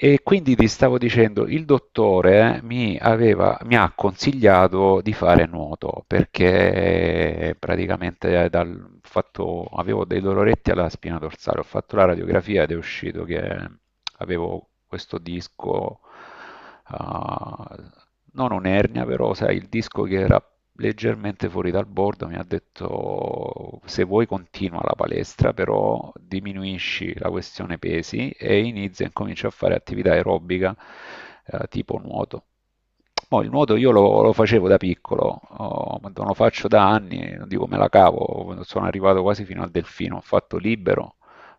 E quindi ti stavo dicendo, il dottore mi aveva, mi ha consigliato di fare nuoto perché praticamente dal ho fatto, avevo dei doloretti alla spina dorsale, ho fatto la radiografia ed è uscito che avevo questo disco, ah, non un'ernia, però sai, il disco che era leggermente fuori dal bordo, mi ha detto se vuoi continua la palestra, però diminuisci la questione pesi e inizia e comincia a fare attività aerobica, tipo nuoto. Mo il nuoto io lo facevo da piccolo, oh, ma non lo faccio da anni, non dico me la cavo, sono arrivato quasi fino al delfino, ho fatto libero,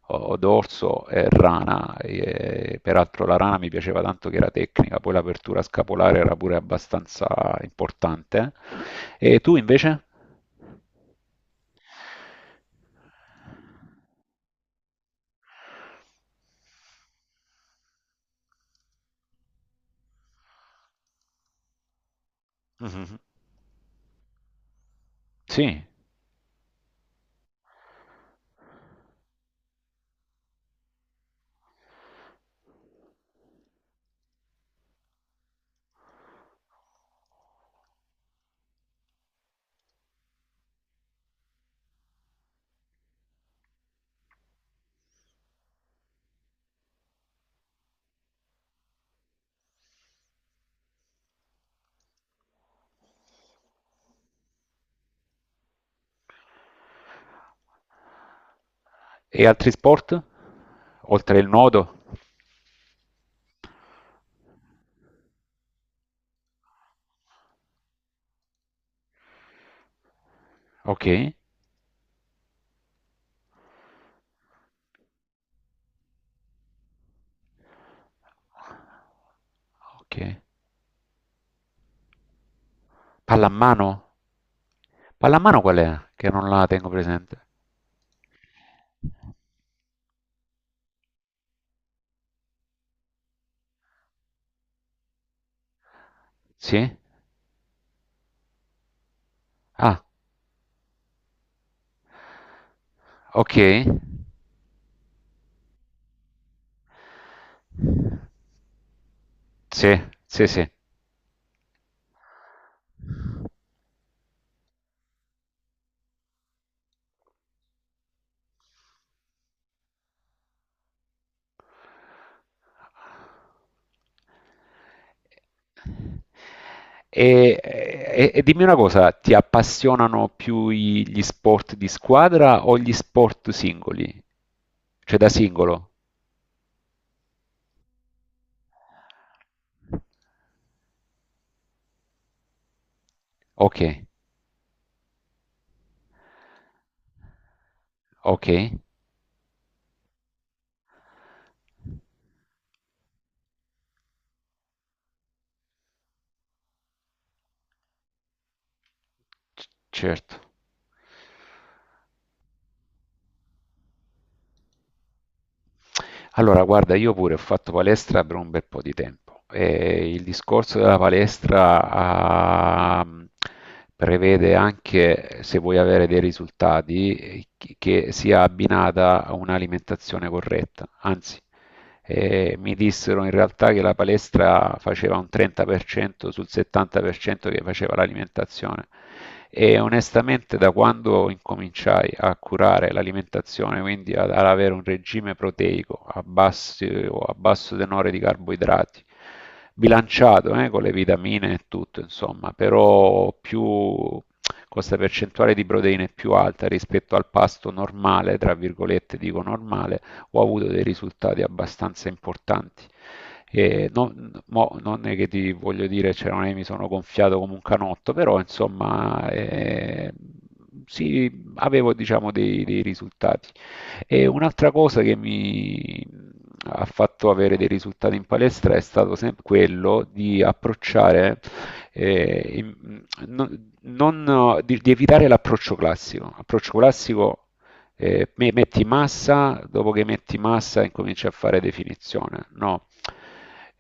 o dorso e rana. E, peraltro la rana mi piaceva tanto che era tecnica, poi l'apertura scapolare era pure abbastanza importante. E tu invece? Mhm. Sì. E altri sport? Oltre il nuoto? Ok, ok. Pallamano? Pallamano qual è? Che non la tengo presente. Sì? Ah, ok. Sì, sì, sì. E dimmi una cosa, ti appassionano più gli sport di squadra o gli sport singoli? Cioè da singolo? Ok, ok. Certo. Allora, guarda, io pure ho fatto palestra per un bel po' di tempo e il discorso della palestra, prevede anche, se vuoi avere dei risultati, che sia abbinata a un'alimentazione corretta. Anzi, e mi dissero in realtà che la palestra faceva un 30% sul 70% che faceva l'alimentazione, e onestamente da quando incominciai a curare l'alimentazione, quindi ad avere un regime proteico o a basso tenore di carboidrati, bilanciato, con le vitamine e tutto, insomma, però più con questa percentuale di proteine è più alta rispetto al pasto normale, tra virgolette dico normale, ho avuto dei risultati abbastanza importanti. E non è che ti voglio dire, cioè, non è che mi sono gonfiato come un canotto, però insomma, sì, avevo diciamo dei risultati. E un'altra cosa che mi ha fatto avere dei risultati in palestra è stato sempre quello di approcciare, di evitare l'approccio classico. L'approccio classico, metti massa, dopo che metti massa incominci a fare definizione. No,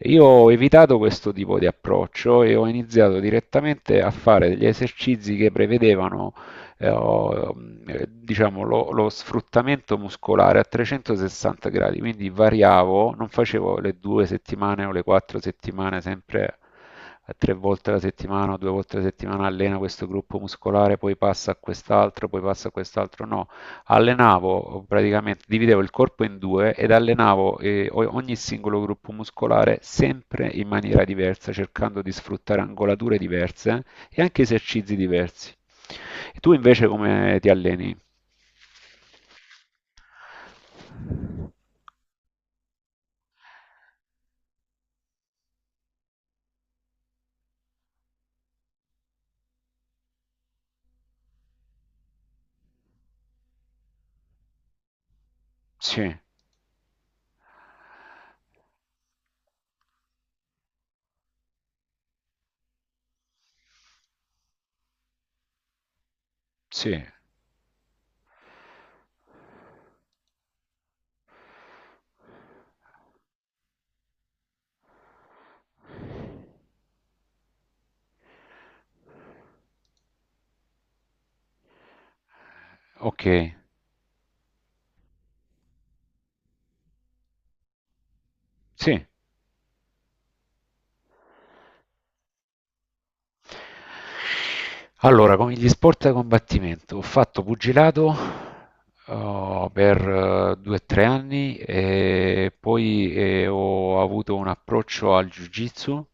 io ho evitato questo tipo di approccio e ho iniziato direttamente a fare degli esercizi che prevedevano, eh, o, diciamo, lo sfruttamento muscolare a 360 gradi, quindi variavo, non facevo le due settimane o le quattro settimane sempre tre volte alla settimana o due volte alla settimana allena questo gruppo muscolare, poi passa a quest'altro, poi passa a quest'altro. No, allenavo praticamente, dividevo il corpo in due ed allenavo, ogni singolo gruppo muscolare sempre in maniera diversa, cercando di sfruttare angolature diverse e anche esercizi diversi. E tu invece come ti alleni? Sì, sì, ok, sì. Allora, come gli sport da combattimento, ho fatto pugilato, oh, per 2-3 anni e poi, ho avuto un approccio al jiu-jitsu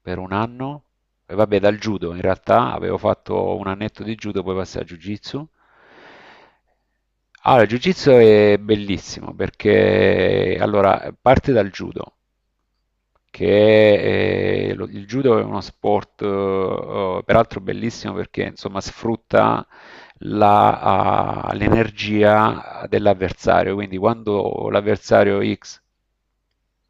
per un anno. E vabbè, dal judo in realtà avevo fatto un annetto di judo, poi passai al jiu-jitsu. Allora, il jiu-jitsu è bellissimo perché allora, parte dal judo, il judo è uno sport, peraltro bellissimo perché insomma sfrutta la, l'energia dell'avversario, quindi quando l'avversario X.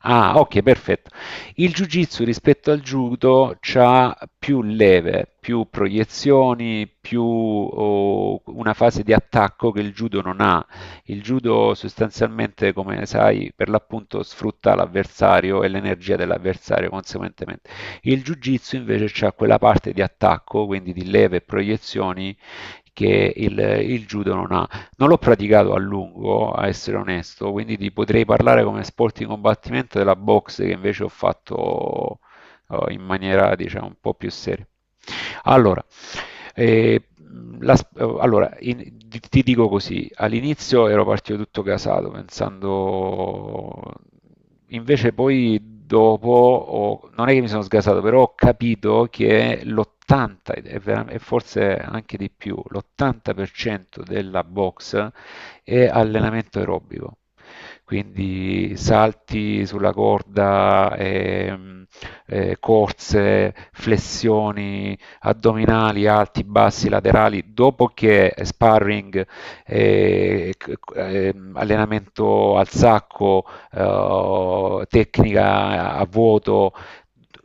Ah, ok, perfetto. Il jiu-jitsu rispetto al judo ha più leve, più proiezioni, più, una fase di attacco che il judo non ha. Il judo sostanzialmente, come sai, per l'appunto sfrutta l'avversario e l'energia dell'avversario conseguentemente. Il jiu-jitsu invece ha quella parte di attacco, quindi di leve e proiezioni, che il judo non ha. Non l'ho praticato a lungo, a essere onesto, quindi ti potrei parlare come sport di combattimento della boxe che invece ho fatto, in maniera, diciamo, un po' più seria. Allora, e, la, allora, in- ti dico così, all'inizio ero partito tutto casato, pensando, invece poi dopo, non è che mi sono sgasato, però ho capito che l'80, e e forse anche di più, l'80% della box è allenamento aerobico. Quindi salti sulla corda, corse, flessioni, addominali alti, bassi, laterali, dopo che sparring, eh, allenamento al sacco, tecnica a vuoto,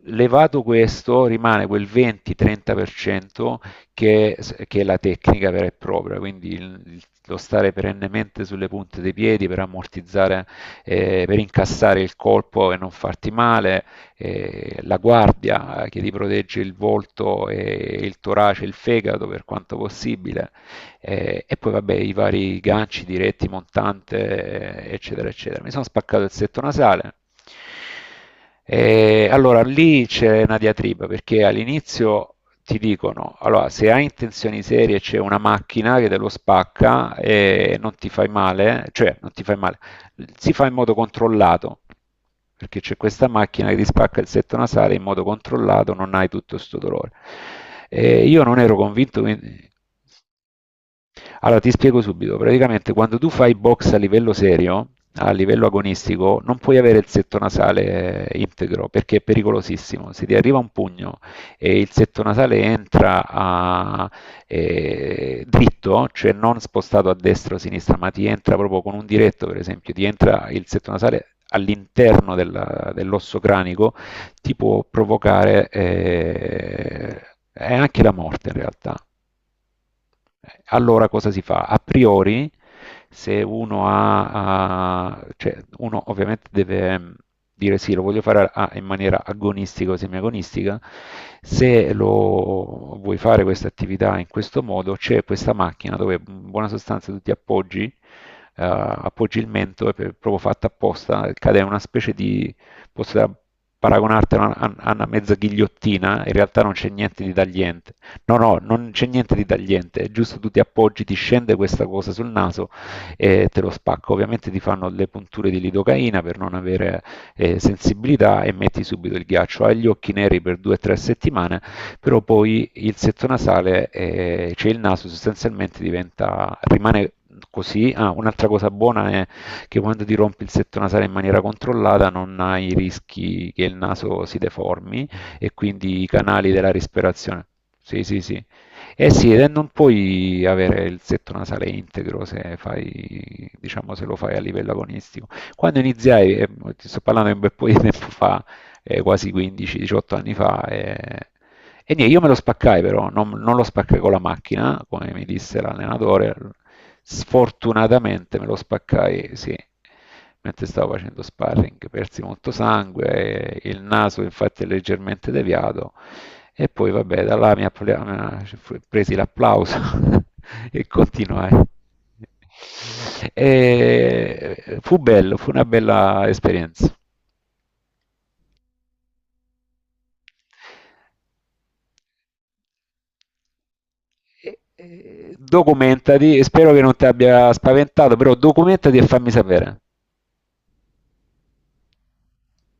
levato questo rimane quel 20-30% che, è la tecnica vera e propria, quindi lo stare perennemente sulle punte dei piedi per ammortizzare, per incassare il colpo e non farti male, la guardia, che ti protegge il volto e il torace, il fegato per quanto possibile, e poi vabbè i vari ganci diretti, montante, eccetera, eccetera. Mi sono spaccato il setto nasale. E allora lì c'è una diatriba perché all'inizio ti dicono, allora se hai intenzioni serie c'è una macchina che te lo spacca e non ti fai male, cioè non ti fai male, si fa in modo controllato, perché c'è questa macchina che ti spacca il setto nasale in modo controllato, non hai tutto questo dolore. Io non ero convinto, allora ti spiego subito. Praticamente quando tu fai box a livello serio, a livello agonistico, non puoi avere il setto nasale, integro, perché è pericolosissimo. Se ti arriva un pugno e il setto nasale entra, dritto, cioè non spostato a destra o a sinistra, ma ti entra proprio con un diretto, per esempio, ti entra il setto nasale all'interno dell'osso cranico, ti può provocare, è anche la morte in realtà. Allora cosa si fa? A priori, se uno cioè uno ovviamente deve, dire sì, lo voglio fare, in maniera agonistica o semiagonistica. Se lo vuoi fare questa attività in questo modo, c'è questa macchina dove in buona sostanza tu ti appoggi, appoggi il mento, è proprio fatta apposta, cade in una specie di, posso paragonartela a a una mezza ghigliottina, in realtà non c'è niente di tagliente. No, no, non c'è niente di tagliente, è giusto tu ti appoggi, ti scende questa cosa sul naso e te lo spacca. Ovviamente ti fanno le punture di lidocaina per non avere, sensibilità, e metti subito il ghiaccio. Hai gli occhi neri per 2-3 settimane, però poi il setto nasale, cioè il naso sostanzialmente diventa, rimane così. Ah, un'altra cosa buona è che quando ti rompi il setto nasale in maniera controllata non hai rischi che il naso si deformi e quindi i canali della respirazione. Sì, sì, sì. Eh sì, e non puoi avere il setto nasale integro se fai, diciamo, se lo fai a livello agonistico. Quando iniziai, ti sto parlando di un bel po' di tempo fa, quasi 15-18 anni fa, e niente, io me lo spaccai però, non lo spaccai con la macchina, come mi disse l'allenatore, sfortunatamente me lo spaccai, sì, mentre stavo facendo sparring, persi molto sangue, il naso infatti è leggermente deviato e poi vabbè, da là presi l'applauso e continuai. E fu bello, fu una bella esperienza. Documentati, spero che non ti abbia spaventato, però documentati e fammi sapere.